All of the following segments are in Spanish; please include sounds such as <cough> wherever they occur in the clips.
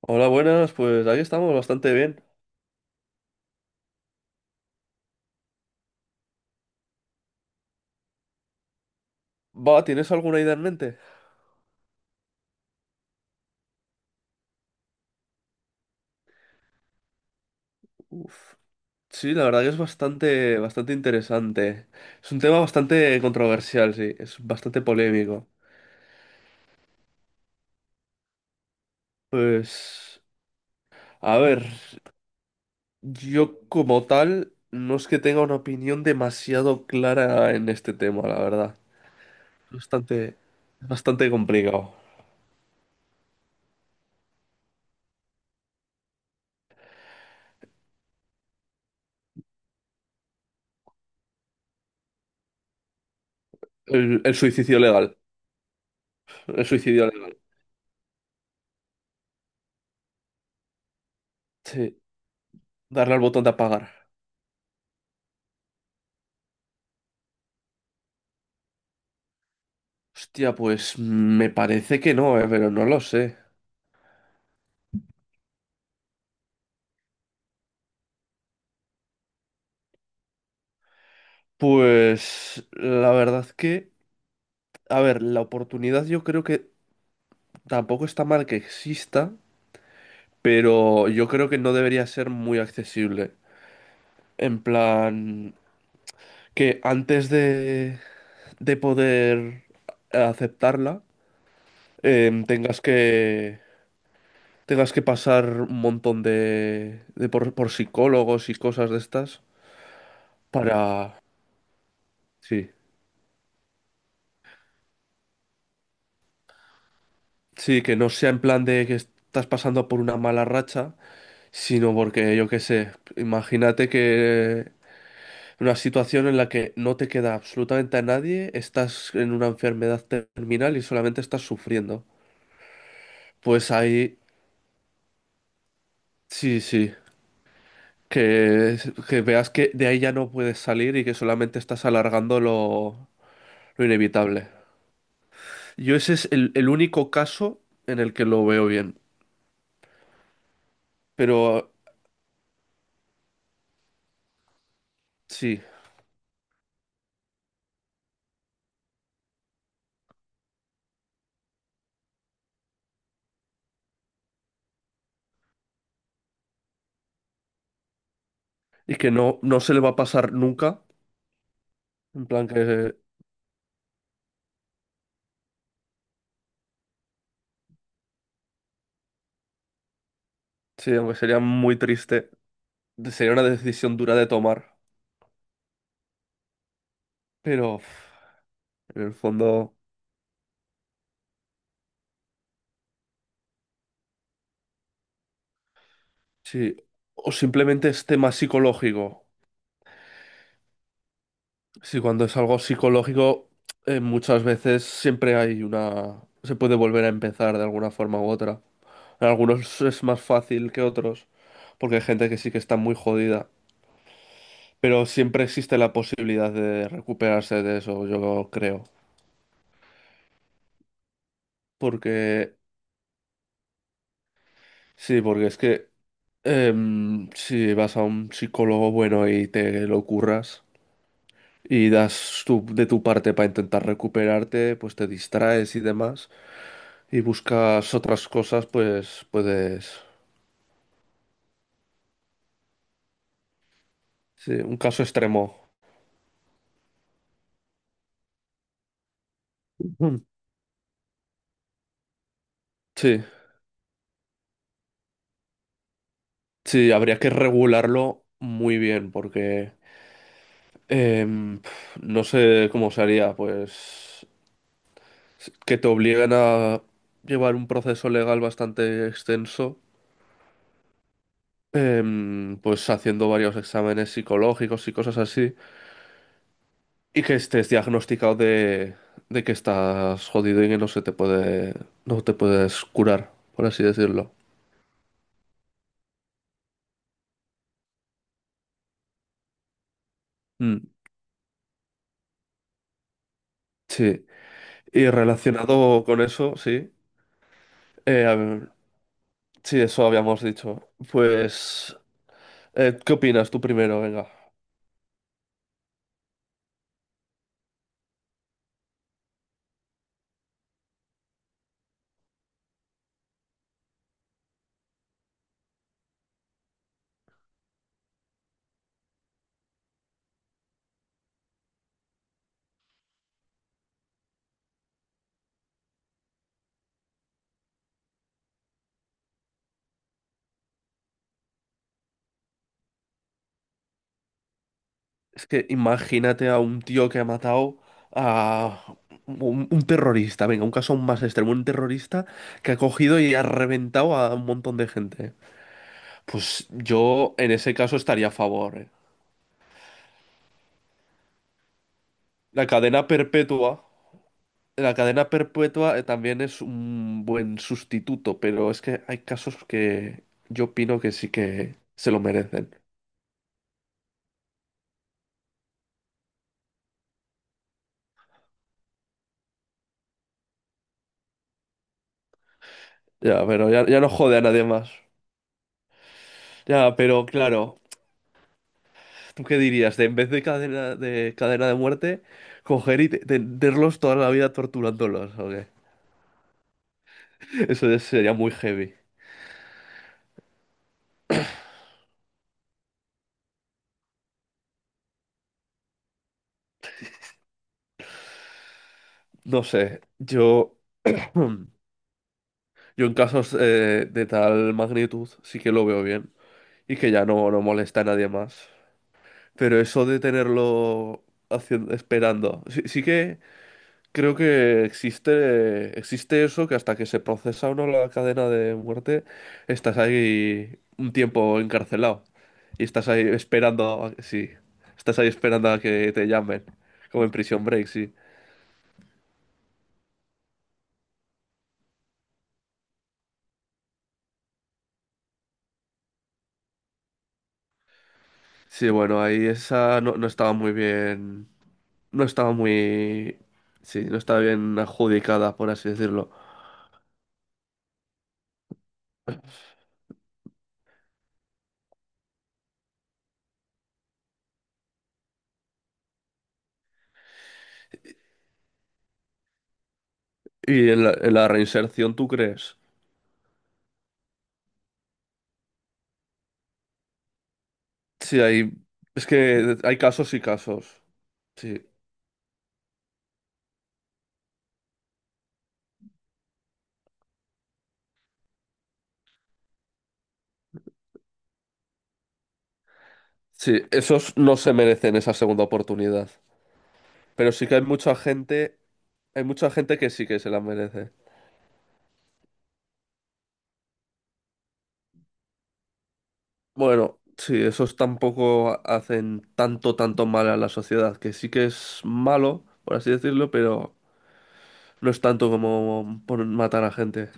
Hola, buenas, pues ahí estamos, bastante bien. Va, ¿tienes alguna idea en mente? Sí, la verdad que es bastante, bastante interesante. Es un tema bastante controversial, sí, es bastante polémico. Pues, a ver, yo como tal no es que tenga una opinión demasiado clara en este tema, la verdad. Bastante, bastante complicado. El suicidio legal, el suicidio legal. Sí, darle al botón de apagar. Hostia, pues me parece que no, pero no lo sé. Pues la verdad que, a ver, la oportunidad yo creo que tampoco está mal que exista, pero yo creo que no debería ser muy accesible. En plan, que antes de poder aceptarla, em, tengas que, tengas que pasar un montón de por psicólogos y cosas de estas para. Sí, sí, que no sea en plan de que estás pasando por una mala racha sino porque yo qué sé, imagínate que en una situación en la que no te queda absolutamente a nadie, estás en una enfermedad terminal y solamente estás sufriendo. Pues ahí, sí, sí, que, que veas que de ahí ya no puedes salir y que solamente estás alargando lo inevitable. Yo ese es el único caso en el que lo veo bien, pero sí, y que no, no se le va a pasar nunca, en plan que sí, aunque sería muy triste. Sería una decisión dura de tomar, pero uf, en el fondo, sí. O simplemente es tema psicológico. Si cuando es algo psicológico, muchas veces siempre hay una, se puede volver a empezar de alguna forma u otra. En algunos es más fácil que otros, porque hay gente que sí que está muy jodida. Pero siempre existe la posibilidad de recuperarse de eso, yo creo. Porque, sí, porque es que si vas a un psicólogo bueno y te lo curras, y das de tu parte para intentar recuperarte, pues te distraes y demás, y buscas otras cosas, pues puedes. Sí, un caso extremo. Mm. Sí, sí, habría que regularlo muy bien porque em, no sé cómo se haría, pues que te obliguen a llevar un proceso legal bastante extenso, pues haciendo varios exámenes psicológicos y cosas así. Y que estés diagnosticado de, que estás jodido y que no se te puede, no te puedes curar, por así decirlo. Mm, sí. Y relacionado con eso, sí. A ver, sí, eso habíamos dicho. Pues, ¿qué opinas tú primero? Venga. Es que imagínate a un tío que ha matado a un terrorista. Venga, un caso aún más extremo. Un terrorista que ha cogido y ha reventado a un montón de gente. Pues yo en ese caso estaría a favor, eh. La cadena perpetua, la cadena perpetua también es un buen sustituto, pero es que hay casos que yo opino que sí que se lo merecen. Ya, pero ya, ya no jode a nadie más. Ya, pero claro, ¿tú qué dirías? De en vez de cadena de muerte, coger y tenerlos toda la vida torturándolos, ¿o qué? Eso ya sería muy heavy. No sé, <clears throat> yo en casos de tal magnitud sí que lo veo bien y que ya no, no molesta a nadie más. Pero eso de tenerlo haciendo, esperando. Sí, sí que creo que existe eso, que hasta que se procesa uno la cadena de muerte, estás ahí un tiempo encarcelado. Y estás ahí esperando, sí, estás ahí esperando a que te llamen, como en Prison Break, sí. Sí, bueno, ahí esa no, no estaba muy bien, no estaba muy, sí, no estaba bien adjudicada, por así decirlo. Y en la reinserción, ¿tú crees? Sí, es que hay casos y casos. Sí, sí, esos no se merecen esa segunda oportunidad. Pero sí que hay mucha gente que sí que se la merece. Bueno, sí, esos tampoco hacen tanto, tanto mal a la sociedad, que sí que es malo, por así decirlo, pero no es tanto como por matar a gente.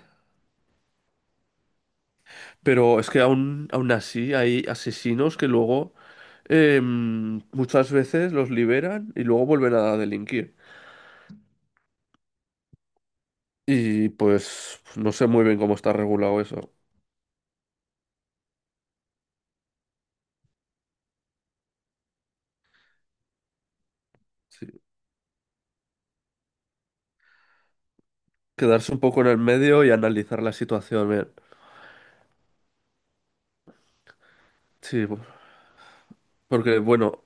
Pero es que aún así hay asesinos que luego muchas veces los liberan y luego vuelven a delinquir. Y pues no sé muy bien cómo está regulado eso. Sí. Quedarse un poco en el medio y analizar la situación bien. Sí, porque bueno,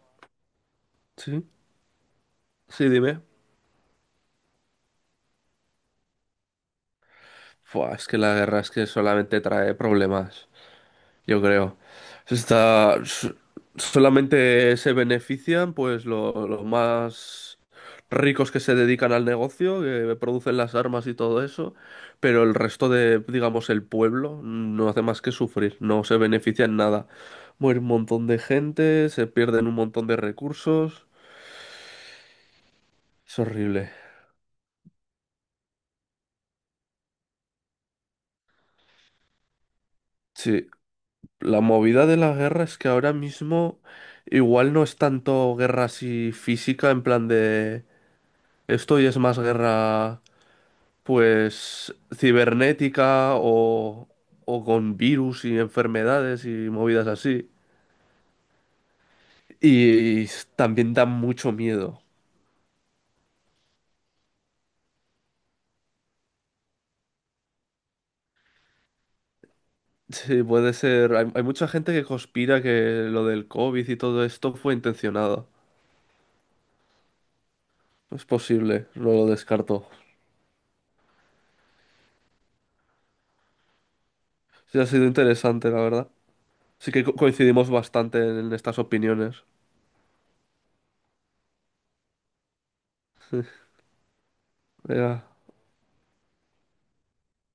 sí, sí, dime. Fua, es que la guerra es que solamente trae problemas, yo creo. Se Está, s- solamente se benefician pues los más ricos que se dedican al negocio, que producen las armas y todo eso, pero el resto de, digamos, el pueblo no hace más que sufrir, no se beneficia en nada. Muere un montón de gente, se pierden un montón de recursos. Es horrible. Sí, la movida de la guerra es que ahora mismo igual no es tanto guerra así física, en plan de esto y es más guerra pues cibernética o con virus y enfermedades y movidas así. Y también dan mucho miedo. <laughs> Sí, puede ser. Hay mucha gente que conspira que lo del COVID y todo esto fue intencionado. Es posible, no lo descarto. Sí, ha sido interesante, la verdad. Sí que coincidimos bastante en estas opiniones. Venga.